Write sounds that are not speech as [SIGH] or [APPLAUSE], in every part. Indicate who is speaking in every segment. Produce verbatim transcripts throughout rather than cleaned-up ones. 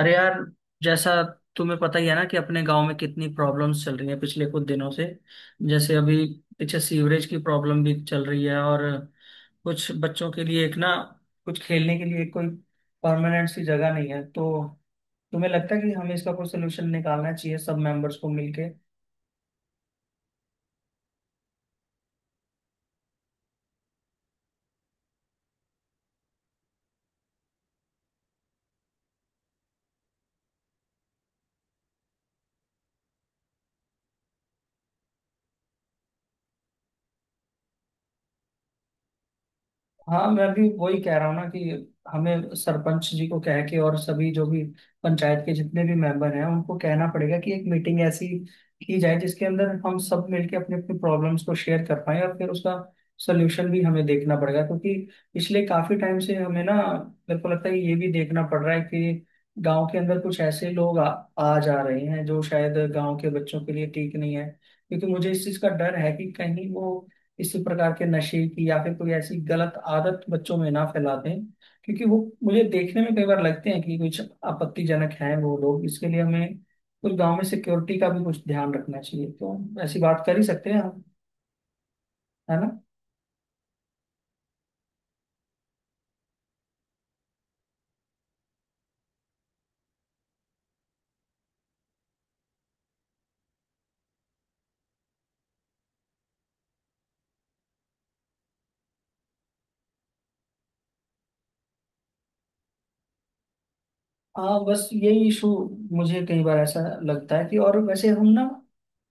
Speaker 1: अरे यार, जैसा तुम्हें पता ही है ना कि अपने गांव में कितनी प्रॉब्लम्स चल रही हैं पिछले कुछ दिनों से। जैसे अभी पीछे सीवरेज की प्रॉब्लम भी चल रही है, और कुछ बच्चों के लिए एक ना कुछ खेलने के लिए कोई परमानेंट सी जगह नहीं है। तो तुम्हें लगता है कि हमें इसका कोई सोल्यूशन निकालना चाहिए सब मेंबर्स को मिलके? हाँ, मैं भी वही कह रहा हूँ ना कि हमें सरपंच जी को कह के और सभी जो भी पंचायत के जितने भी मेंबर हैं उनको कहना पड़ेगा कि एक मीटिंग ऐसी की जाए जिसके अंदर हम सब मिलके अपने अपने प्रॉब्लम्स को शेयर कर पाए, और फिर उसका सोल्यूशन भी हमें देखना पड़ेगा। क्योंकि पिछले काफी टाइम से हमें ना, मेरे को लगता है ये भी देखना पड़ रहा है कि गांव के अंदर कुछ ऐसे लोग आ, आ जा रहे हैं जो शायद गांव के बच्चों के लिए ठीक नहीं है। क्योंकि मुझे इस चीज का डर है कि कहीं वो इसी प्रकार के नशे की या फिर कोई ऐसी गलत आदत बच्चों में ना फैला दें। क्योंकि वो मुझे देखने में कई बार लगते हैं कि कुछ आपत्तिजनक हैं वो लोग। इसके लिए हमें कुछ गांव में सिक्योरिटी का भी कुछ ध्यान रखना चाहिए, तो ऐसी बात कर ही सकते हैं हम। है ना? हाँ, बस यही इशू मुझे कई बार ऐसा लगता है। कि और वैसे हम ना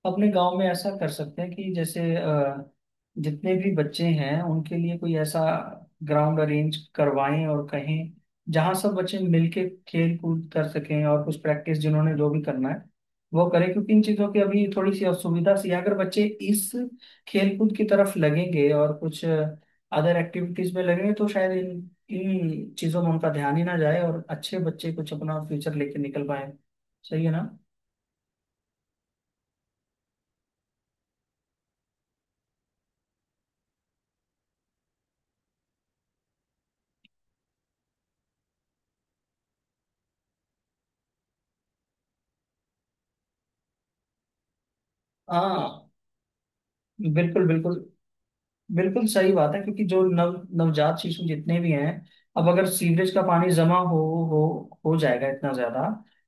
Speaker 1: अपने गांव में ऐसा कर सकते हैं कि जैसे अ, जितने भी बच्चे हैं उनके लिए कोई ऐसा ग्राउंड अरेंज करवाएं और कहें जहां सब बच्चे मिलके खेल कूद कर सकें, और कुछ प्रैक्टिस जिन्होंने जो भी करना है वो करें। क्योंकि इन चीज़ों की अभी थोड़ी सी असुविधा सी है। अगर बच्चे इस खेल कूद की तरफ लगेंगे और कुछ अदर एक्टिविटीज में लगेंगे तो शायद इन इन चीजों में उनका ध्यान ही ना जाए, और अच्छे बच्चे कुछ अपना फ्यूचर लेके निकल पाए। सही है ना? हाँ, बिल्कुल बिल्कुल। बिल्कुल सही बात है, क्योंकि जो नव नवजात शिशु जितने भी हैं, अब अगर सीवरेज का पानी जमा हो हो हो जाएगा इतना ज्यादा,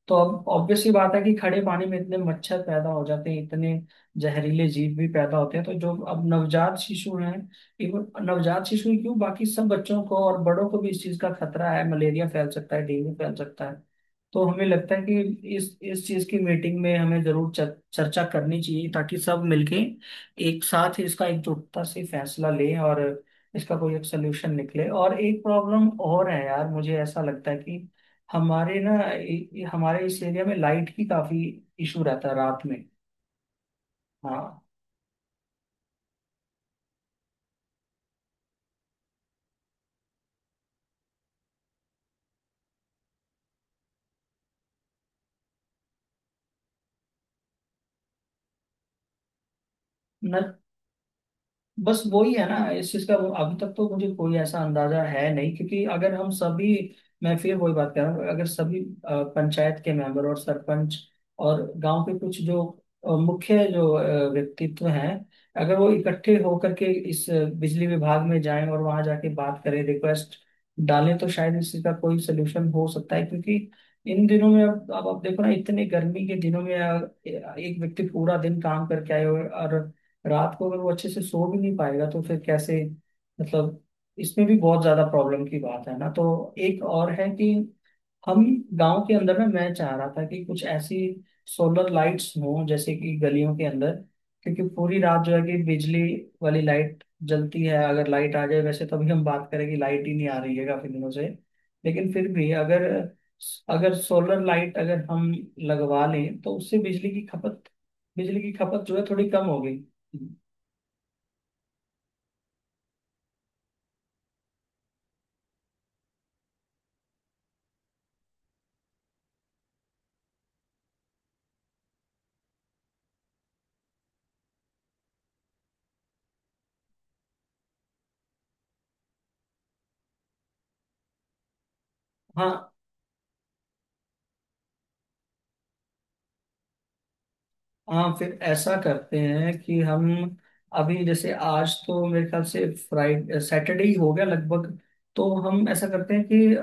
Speaker 1: तो अब ऑब्वियसली बात है कि खड़े पानी में इतने मच्छर पैदा हो जाते हैं, इतने जहरीले जीव भी पैदा होते हैं। तो जो अब नवजात शिशु हैं, इवन नवजात शिशु ही क्यों, बाकी सब बच्चों को और बड़ों को भी इस चीज का खतरा है। मलेरिया फैल सकता है, डेंगू फैल सकता है। तो हमें लगता है कि इस इस चीज की मीटिंग में हमें जरूर चर, चर्चा करनी चाहिए, ताकि सब मिलके एक साथ ही इसका एकजुटता से फैसला लें, और इसका कोई एक सोल्यूशन निकले। और एक प्रॉब्लम और है यार, मुझे ऐसा लगता है कि हमारे ना ए- हमारे इस एरिया में लाइट की काफी इशू रहता है रात में। हाँ ना, बस वही है ना, इस चीज का वो अभी तक तो मुझे कोई ऐसा अंदाजा है नहीं। क्योंकि अगर हम सभी, मैं फिर वही बात कर रहा हूँ, अगर सभी अ, पंचायत के मेंबर और सरपंच और गांव के कुछ जो अ, मुख्य जो अ, व्यक्तित्व हैं, अगर वो इकट्ठे होकर के इस अ, बिजली विभाग में जाएं और वहां जाके बात करें, रिक्वेस्ट डालें, तो शायद इस चीज का कोई सोल्यूशन हो सकता है। क्योंकि इन दिनों में, अब अब आप देखो ना, इतने गर्मी के दिनों में अ, एक व्यक्ति पूरा दिन काम करके आए और रात को अगर वो अच्छे से सो भी नहीं पाएगा, तो फिर कैसे, मतलब इसमें भी बहुत ज्यादा प्रॉब्लम की बात है ना। तो एक और है कि हम गांव के अंदर में, मैं चाह रहा था कि कुछ ऐसी सोलर लाइट्स हों जैसे कि गलियों के अंदर। क्योंकि पूरी रात जो है कि बिजली वाली लाइट जलती है, अगर लाइट आ जाए वैसे, तभी हम बात करें कि लाइट ही नहीं आ रही है काफी दिनों से। लेकिन फिर भी अगर, अगर सोलर लाइट अगर हम लगवा लें तो उससे बिजली की खपत बिजली की खपत जो है थोड़ी कम होगी। हाँ, हाँ, फिर ऐसा करते हैं कि हम अभी, जैसे आज तो मेरे ख्याल से फ्राइडे सैटरडे ही हो गया लगभग। तो हम ऐसा करते हैं कि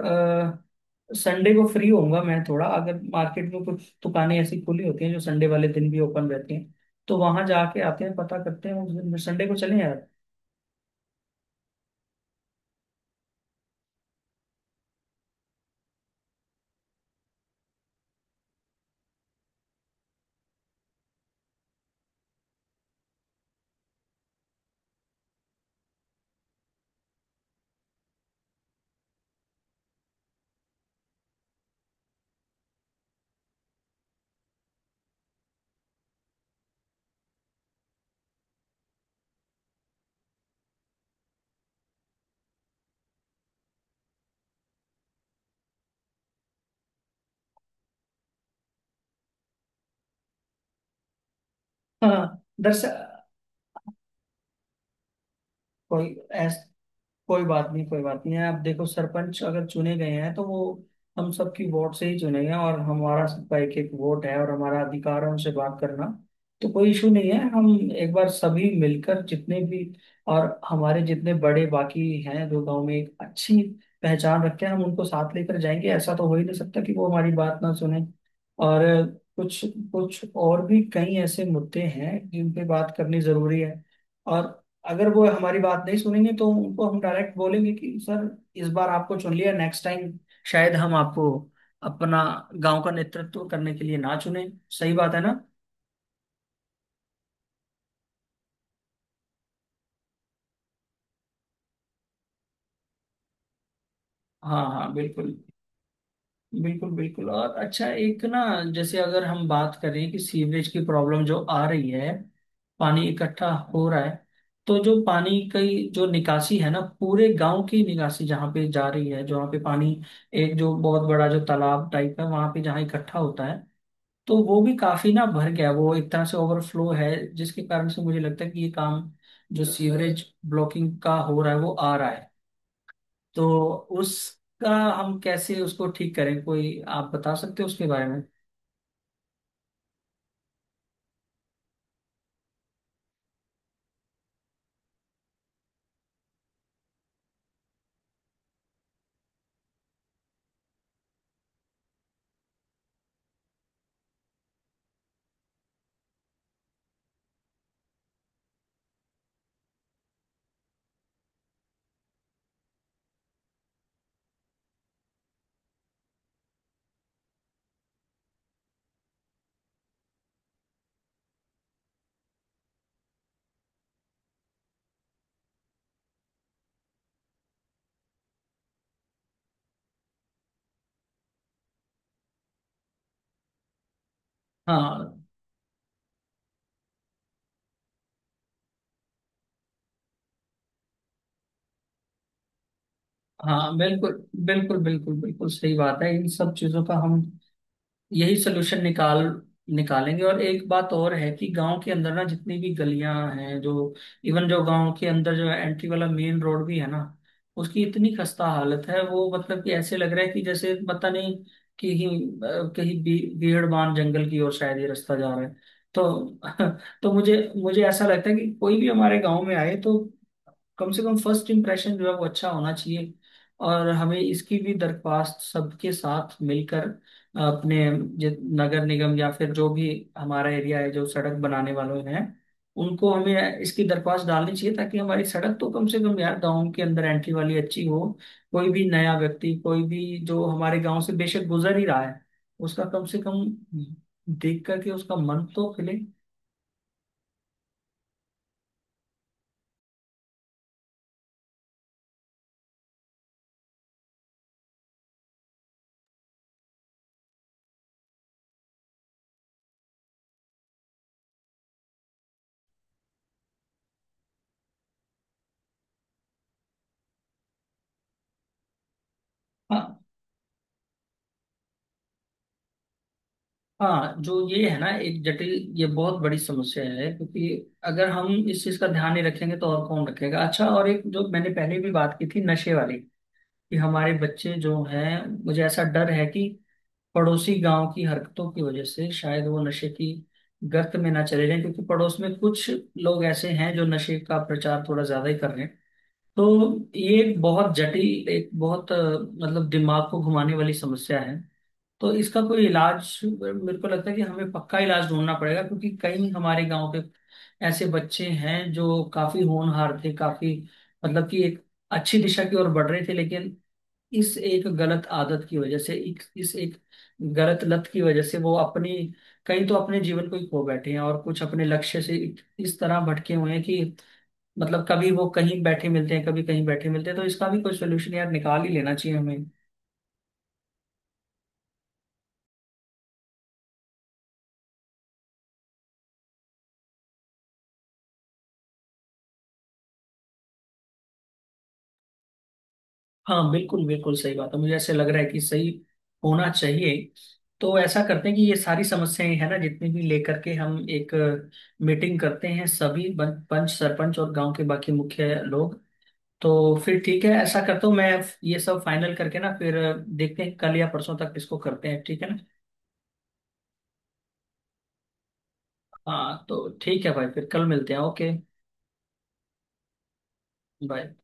Speaker 1: अ, संडे को फ्री होऊंगा मैं थोड़ा, अगर मार्केट में कुछ दुकानें ऐसी खुली होती हैं जो संडे वाले दिन भी ओपन रहती हैं तो वहां जाके आते हैं, पता करते हैं। उस दिन संडे को चलें यार। हाँ दरअसल, कोई ऐस, कोई बात नहीं, कोई बात नहीं। आप देखो, सरपंच अगर चुने गए हैं तो वो हम सबकी वोट से ही चुने गए हैं, और हमारा सबका एक एक वोट है, और हमारा अधिकार है उनसे बात करना। तो कोई इशू नहीं है, हम एक बार सभी मिलकर जितने भी, और हमारे जितने बड़े बाकी हैं जो गांव में एक अच्छी पहचान रखते हैं, हम उनको साथ लेकर जाएंगे। ऐसा तो हो ही नहीं सकता कि वो हमारी बात ना सुने। और कुछ कुछ और भी कई ऐसे मुद्दे हैं जिन पे बात करनी जरूरी है। और अगर वो हमारी बात नहीं सुनेंगे तो उनको हम डायरेक्ट बोलेंगे कि सर, इस बार आपको चुन लिया, नेक्स्ट टाइम शायद हम आपको अपना गांव का नेतृत्व करने के लिए ना चुने। सही बात है ना? हाँ हाँ, बिल्कुल बिल्कुल बिल्कुल। और अच्छा एक ना, जैसे अगर हम बात करें कि सीवरेज की प्रॉब्लम जो आ रही है, पानी इकट्ठा हो रहा है, तो जो पानी की जो निकासी है ना, पूरे गांव की निकासी जहाँ पे जा रही है, जहाँ पे पानी, एक जो बहुत बड़ा जो तालाब टाइप है वहां पे जहाँ इकट्ठा होता है, तो वो भी काफी ना भर गया, वो एक तरह से ओवरफ्लो है। जिसके कारण से मुझे लगता है कि ये काम जो सीवरेज ब्लॉकिंग का हो रहा है वो आ रहा है। तो उसका, हम कैसे उसको ठीक करें, कोई आप बता सकते हो उसके बारे में? हाँ हाँ बिल्कुल बिल्कुल। बिल्कुल बिल्कुल सही बात है, इन सब चीजों का हम यही सोल्यूशन निकाल निकालेंगे। और एक बात और है कि गांव के अंदर ना जितनी भी गलियां हैं जो, इवन जो गांव के अंदर जो एंट्री वाला मेन रोड भी है ना, उसकी इतनी खस्ता हालत है, वो मतलब कि ऐसे लग रहा है कि जैसे पता नहीं कि अ, कहीं भी, भीड़बान जंगल की ओर शायद ये रास्ता जा रहा है। तो [LAUGHS] तो मुझे मुझे ऐसा लगता है कि कोई भी हमारे गांव में आए तो कम से कम फर्स्ट इम्प्रेशन जो है वो अच्छा होना चाहिए। और हमें इसकी भी दरख्वास्त सबके साथ मिलकर अपने जि- नगर निगम या फिर जो भी हमारा एरिया है जो सड़क बनाने वाले हैं, उनको हमें इसकी दरख्वास्त डालनी चाहिए, ताकि हमारी सड़क तो कम से कम यार गाँव के अंदर एंट्री वाली अच्छी हो। कोई भी नया व्यक्ति, कोई भी जो हमारे गाँव से बेशक गुजर ही रहा है, उसका कम से कम देख करके उसका मन तो खिले। हाँ, हाँ जो ये है ना एक जटिल, ये बहुत बड़ी समस्या है। क्योंकि अगर हम इस चीज का ध्यान नहीं रखेंगे तो और कौन रखेगा। अच्छा, और एक जो मैंने पहले भी बात की थी नशे वाली, कि हमारे बच्चे जो हैं, मुझे ऐसा डर है कि पड़ोसी गांव की हरकतों की वजह से शायद वो नशे की गर्त में ना चले जाएं। क्योंकि पड़ोस में कुछ लोग ऐसे हैं जो नशे का प्रचार थोड़ा ज्यादा ही कर रहे हैं। तो ये एक बहुत जटिल, एक बहुत अ, मतलब दिमाग को घुमाने वाली समस्या है। तो इसका कोई इलाज, मेरे को लगता है कि हमें पक्का इलाज ढूंढना पड़ेगा। क्योंकि कई हमारे गांव के ऐसे बच्चे हैं जो काफी होनहार थे, काफी मतलब कि एक अच्छी दिशा की ओर बढ़ रहे थे, लेकिन इस एक गलत आदत की वजह से, इस इस एक गलत लत की वजह से वो अपनी, कई तो अपने जीवन को ही खो बैठे हैं, और कुछ अपने लक्ष्य से इस तरह भटके हुए हैं कि, मतलब कभी वो कहीं बैठे मिलते हैं, कभी कहीं बैठे मिलते हैं। तो इसका भी कोई सोल्यूशन यार निकाल ही लेना चाहिए। हाँ बिल्कुल बिल्कुल सही बात है, मुझे ऐसे लग रहा है कि सही होना चाहिए। तो ऐसा करते हैं कि ये सारी समस्याएं है ना जितनी भी, लेकर के हम एक मीटिंग करते हैं सभी बं- पंच सरपंच और गांव के बाकी मुख्य लोग। तो फिर ठीक है, ऐसा करता हूँ मैं, ये सब फाइनल करके ना, फिर देखते हैं कल या परसों तक इसको करते हैं, ठीक है ना? हाँ तो ठीक है भाई, फिर कल मिलते हैं। Okay, bye.